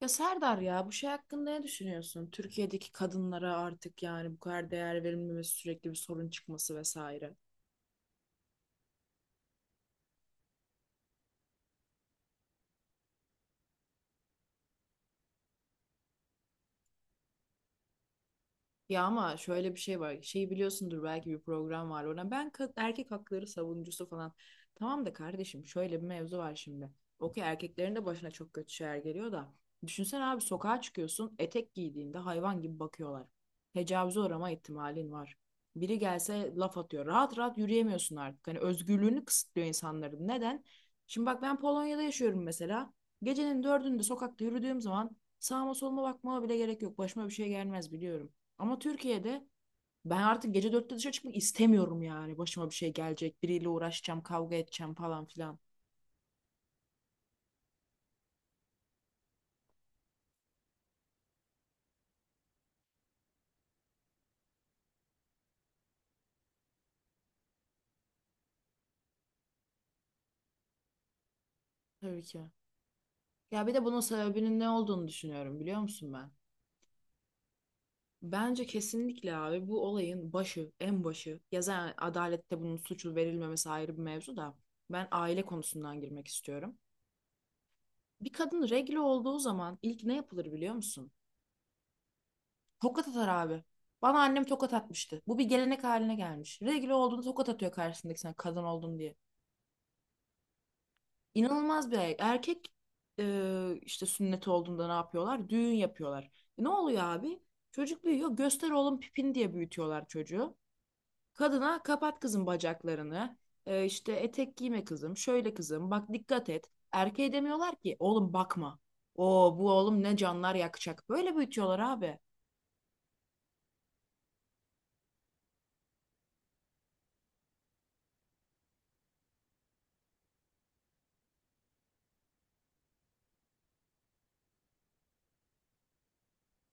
Ya Serdar ya bu şey hakkında ne düşünüyorsun? Türkiye'deki kadınlara artık yani bu kadar değer verilmemesi, sürekli bir sorun çıkması vesaire. Ya ama şöyle bir şey var. Şeyi biliyorsundur belki bir program var ona. Ben erkek hakları savunucusu falan. Tamam da kardeşim şöyle bir mevzu var şimdi. Okey, erkeklerin de başına çok kötü şeyler geliyor da. Düşünsene abi, sokağa çıkıyorsun, etek giydiğinde hayvan gibi bakıyorlar. Tecavüze uğrama ihtimalin var. Biri gelse laf atıyor. Rahat rahat yürüyemiyorsun artık. Hani özgürlüğünü kısıtlıyor insanların. Neden? Şimdi bak, ben Polonya'da yaşıyorum mesela. Gecenin dördünde sokakta yürüdüğüm zaman sağıma soluma bakmama bile gerek yok. Başıma bir şey gelmez biliyorum. Ama Türkiye'de ben artık gece dörtte dışarı çıkmak istemiyorum yani. Başıma bir şey gelecek. Biriyle uğraşacağım, kavga edeceğim falan filan. Tabii ki. Ya bir de bunun sebebinin ne olduğunu düşünüyorum, biliyor musun ben? Bence kesinlikle abi bu olayın başı, en başı. Ya zaten adalette bunun suçlu verilmemesi ayrı bir mevzu da. Ben aile konusundan girmek istiyorum. Bir kadın regl olduğu zaman ilk ne yapılır biliyor musun? Tokat atar abi. Bana annem tokat atmıştı. Bu bir gelenek haline gelmiş. Regl olduğunda tokat atıyor karşısındaki, sen kadın oldun diye. İnanılmaz bir erkek. İşte sünnet olduğunda ne yapıyorlar? Düğün yapıyorlar. E, ne oluyor abi? Çocuk büyüyor. Göster oğlum pipin diye büyütüyorlar çocuğu. Kadına kapat kızım bacaklarını. E, işte etek giyme kızım. Şöyle kızım. Bak dikkat et. Erkeğe demiyorlar ki oğlum bakma. O bu oğlum ne canlar yakacak. Böyle büyütüyorlar abi.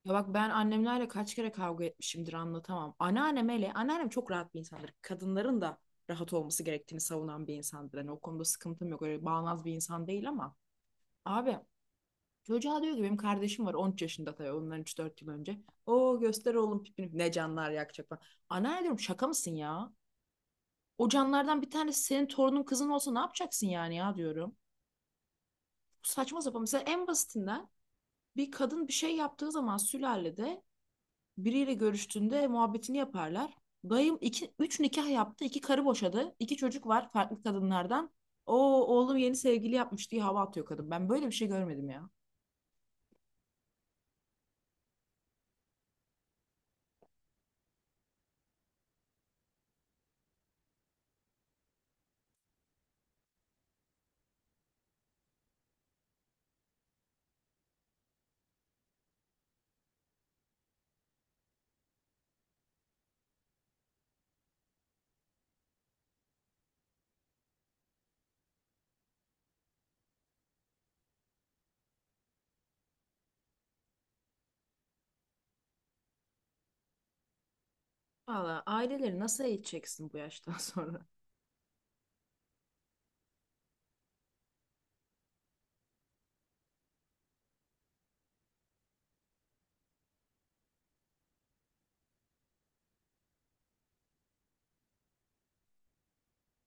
Ya bak, ben annemlerle kaç kere kavga etmişimdir anlatamam. Anneannem hele, anneannem çok rahat bir insandır. Kadınların da rahat olması gerektiğini savunan bir insandır. Hani o konuda sıkıntım yok. Öyle bağnaz bir insan değil ama. Abi, çocuğa diyor ki benim kardeşim var 13 yaşında, tabii ondan 3-4 yıl önce. O göster oğlum pipini. Ne canlar yakacak falan. Anneanne diyorum, şaka mısın ya? O canlardan bir tanesi senin torunun, kızın olsa ne yapacaksın yani ya diyorum. Saçma sapan. Mesela en basitinden, bir kadın bir şey yaptığı zaman sülalede biriyle görüştüğünde muhabbetini yaparlar. Dayım iki, üç nikah yaptı, iki karı boşadı, iki çocuk var farklı kadınlardan. O oğlum yeni sevgili yapmış diye hava atıyor kadın. Ben böyle bir şey görmedim ya. Valla aileleri nasıl eğiteceksin bu yaştan sonra?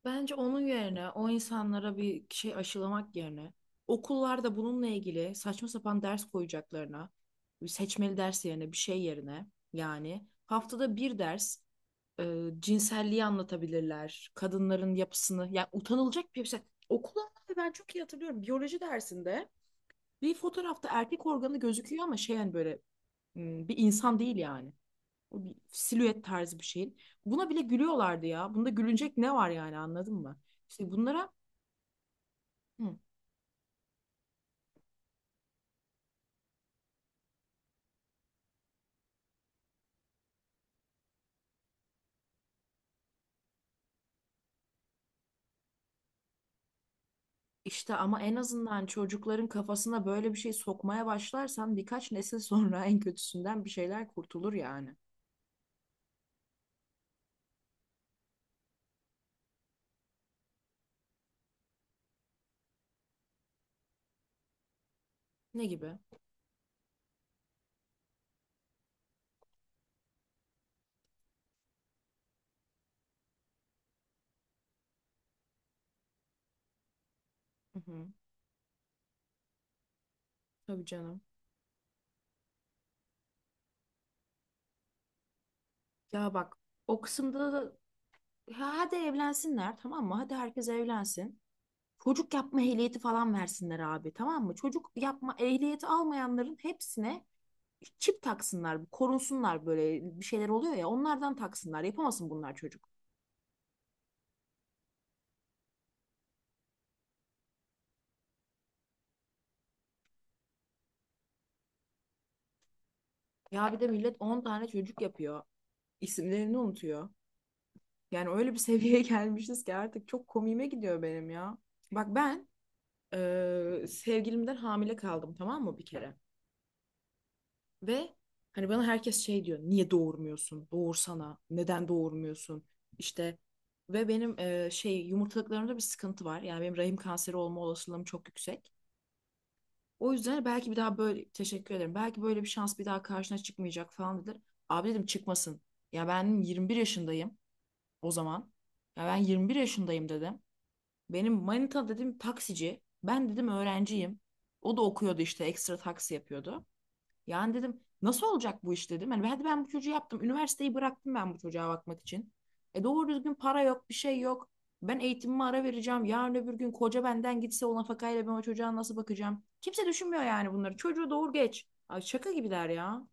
Bence onun yerine o insanlara bir şey aşılamak yerine okullarda bununla ilgili saçma sapan ders koyacaklarına, bir seçmeli ders yerine, bir şey yerine, yani haftada bir ders cinselliği anlatabilirler. Kadınların yapısını, yani utanılacak bir şey. Okula, ben çok iyi hatırlıyorum biyoloji dersinde bir fotoğrafta erkek organı gözüküyor ama şey yani böyle, bir insan değil yani. O silüet tarzı bir şeyin. Buna bile gülüyorlardı ya. Bunda gülünecek ne var yani, anladın mı? İşte bunlara. Hı. işte ama en azından çocukların kafasına böyle bir şey sokmaya başlarsan birkaç nesil sonra en kötüsünden bir şeyler kurtulur yani. Ne gibi? Hı hı. Tabii canım. Ya bak, o kısımda da hadi evlensinler, tamam mı? Hadi herkes evlensin. Çocuk yapma ehliyeti falan versinler abi, tamam mı? Çocuk yapma ehliyeti almayanların hepsine çip taksınlar, korunsunlar, böyle bir şeyler oluyor ya, onlardan taksınlar. Yapamasın bunlar çocuk. Ya bir de millet 10 tane çocuk yapıyor. İsimlerini unutuyor. Yani öyle bir seviyeye gelmişiz ki artık çok komiğime gidiyor benim ya. Bak ben sevgilimden hamile kaldım tamam mı, bir kere? Ve hani bana herkes şey diyor. Niye doğurmuyorsun? Doğursana. Neden doğurmuyorsun? İşte ve benim şey, yumurtalıklarımda bir sıkıntı var. Yani benim rahim kanseri olma olasılığım çok yüksek. O yüzden belki bir daha böyle teşekkür ederim. Belki böyle bir şans bir daha karşına çıkmayacak falan dediler. Abi, dedim, çıkmasın. Ya ben 21 yaşındayım o zaman. Ya ben 21 yaşındayım dedim. Benim manita dedim taksici. Ben dedim öğrenciyim. O da okuyordu, işte ekstra taksi yapıyordu. Yani dedim nasıl olacak bu iş dedim. Hani hadi ben bu çocuğu yaptım. Üniversiteyi bıraktım ben bu çocuğa bakmak için. E doğru düzgün para yok, bir şey yok. Ben eğitimime ara vereceğim. Yarın öbür gün koca benden gitse, o nafakayla ben o çocuğa nasıl bakacağım? Kimse düşünmüyor yani bunları. Çocuğu doğur geç. Ay şaka gibiler ya.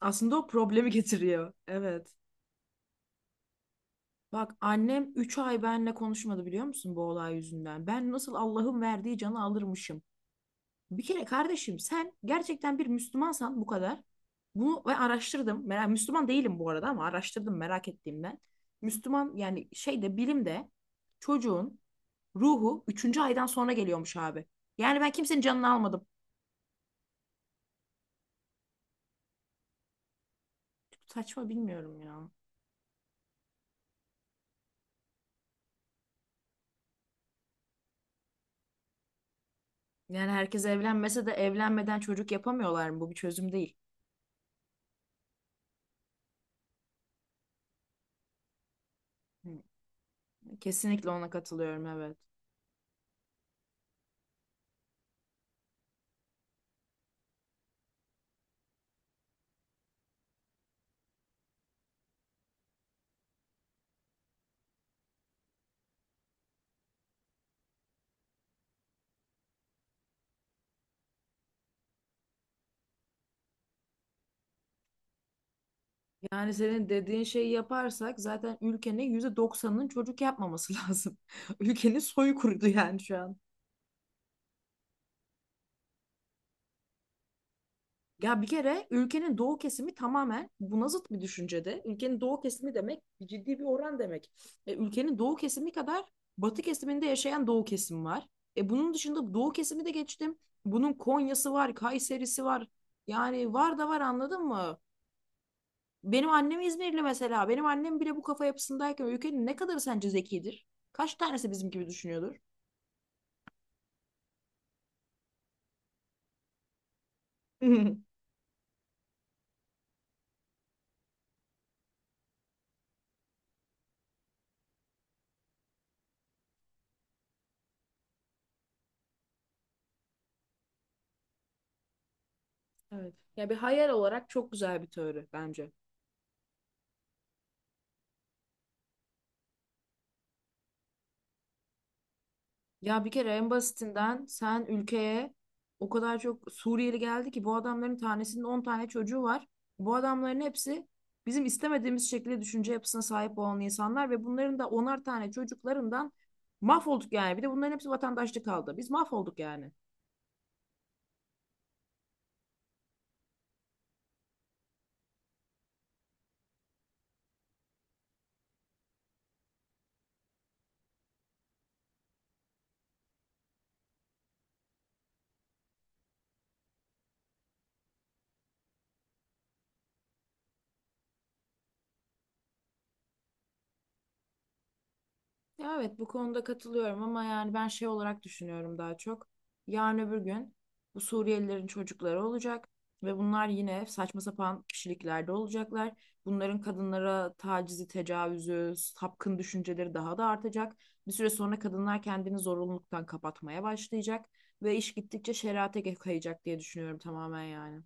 Aslında o problemi getiriyor. Evet. Bak annem 3 ay benimle konuşmadı biliyor musun, bu olay yüzünden. Ben nasıl Allah'ın verdiği canı alırmışım. Bir kere kardeşim sen gerçekten bir Müslümansan bu kadar. Bunu ve araştırdım. Merak, Müslüman değilim bu arada ama araştırdım merak ettiğimden. Müslüman yani şeyde, bilimde çocuğun ruhu üçüncü aydan sonra geliyormuş abi. Yani ben kimsenin canını almadım. Saçma, bilmiyorum ya. Yani herkes evlenmese de evlenmeden çocuk yapamıyorlar mı? Bu bir çözüm değil. Hı. Kesinlikle ona katılıyorum, evet. Yani senin dediğin şeyi yaparsak zaten ülkenin %90'ının çocuk yapmaması lazım. Ülkenin soyu kurudu yani şu an. Ya bir kere ülkenin doğu kesimi tamamen buna zıt bir düşüncede. Ülkenin doğu kesimi demek ciddi bir oran demek. E, ülkenin doğu kesimi kadar batı kesiminde yaşayan doğu kesimi var. E, bunun dışında doğu kesimi de geçtim. Bunun Konya'sı var, Kayseri'si var. Yani var da var, anladın mı? Benim annem İzmirli mesela. Benim annem bile bu kafa yapısındayken ülkenin ne kadarı sence zekidir? Kaç tanesi bizim gibi düşünüyordur? Evet. Ya bir hayal olarak çok güzel bir teori bence. Ya bir kere en basitinden sen ülkeye o kadar çok Suriyeli geldi ki bu adamların tanesinin 10 tane çocuğu var. Bu adamların hepsi bizim istemediğimiz şekilde düşünce yapısına sahip olan insanlar ve bunların da 10'ar tane çocuklarından mahvolduk yani. Bir de bunların hepsi vatandaşlık aldı. Biz mahvolduk yani. Ya evet, bu konuda katılıyorum ama yani ben şey olarak düşünüyorum daha çok. Yarın öbür gün bu Suriyelilerin çocukları olacak ve bunlar yine saçma sapan kişiliklerde olacaklar. Bunların kadınlara tacizi, tecavüzü, sapkın düşünceleri daha da artacak. Bir süre sonra kadınlar kendini zorunluluktan kapatmaya başlayacak ve iş gittikçe şerate kayacak diye düşünüyorum, tamamen yani.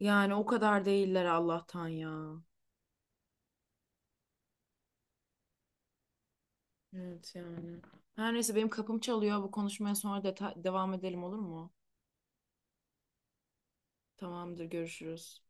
Yani o kadar değiller Allah'tan ya. Evet yani. Her neyse, benim kapım çalıyor. Bu konuşmaya sonra devam edelim, olur mu? Tamamdır, görüşürüz.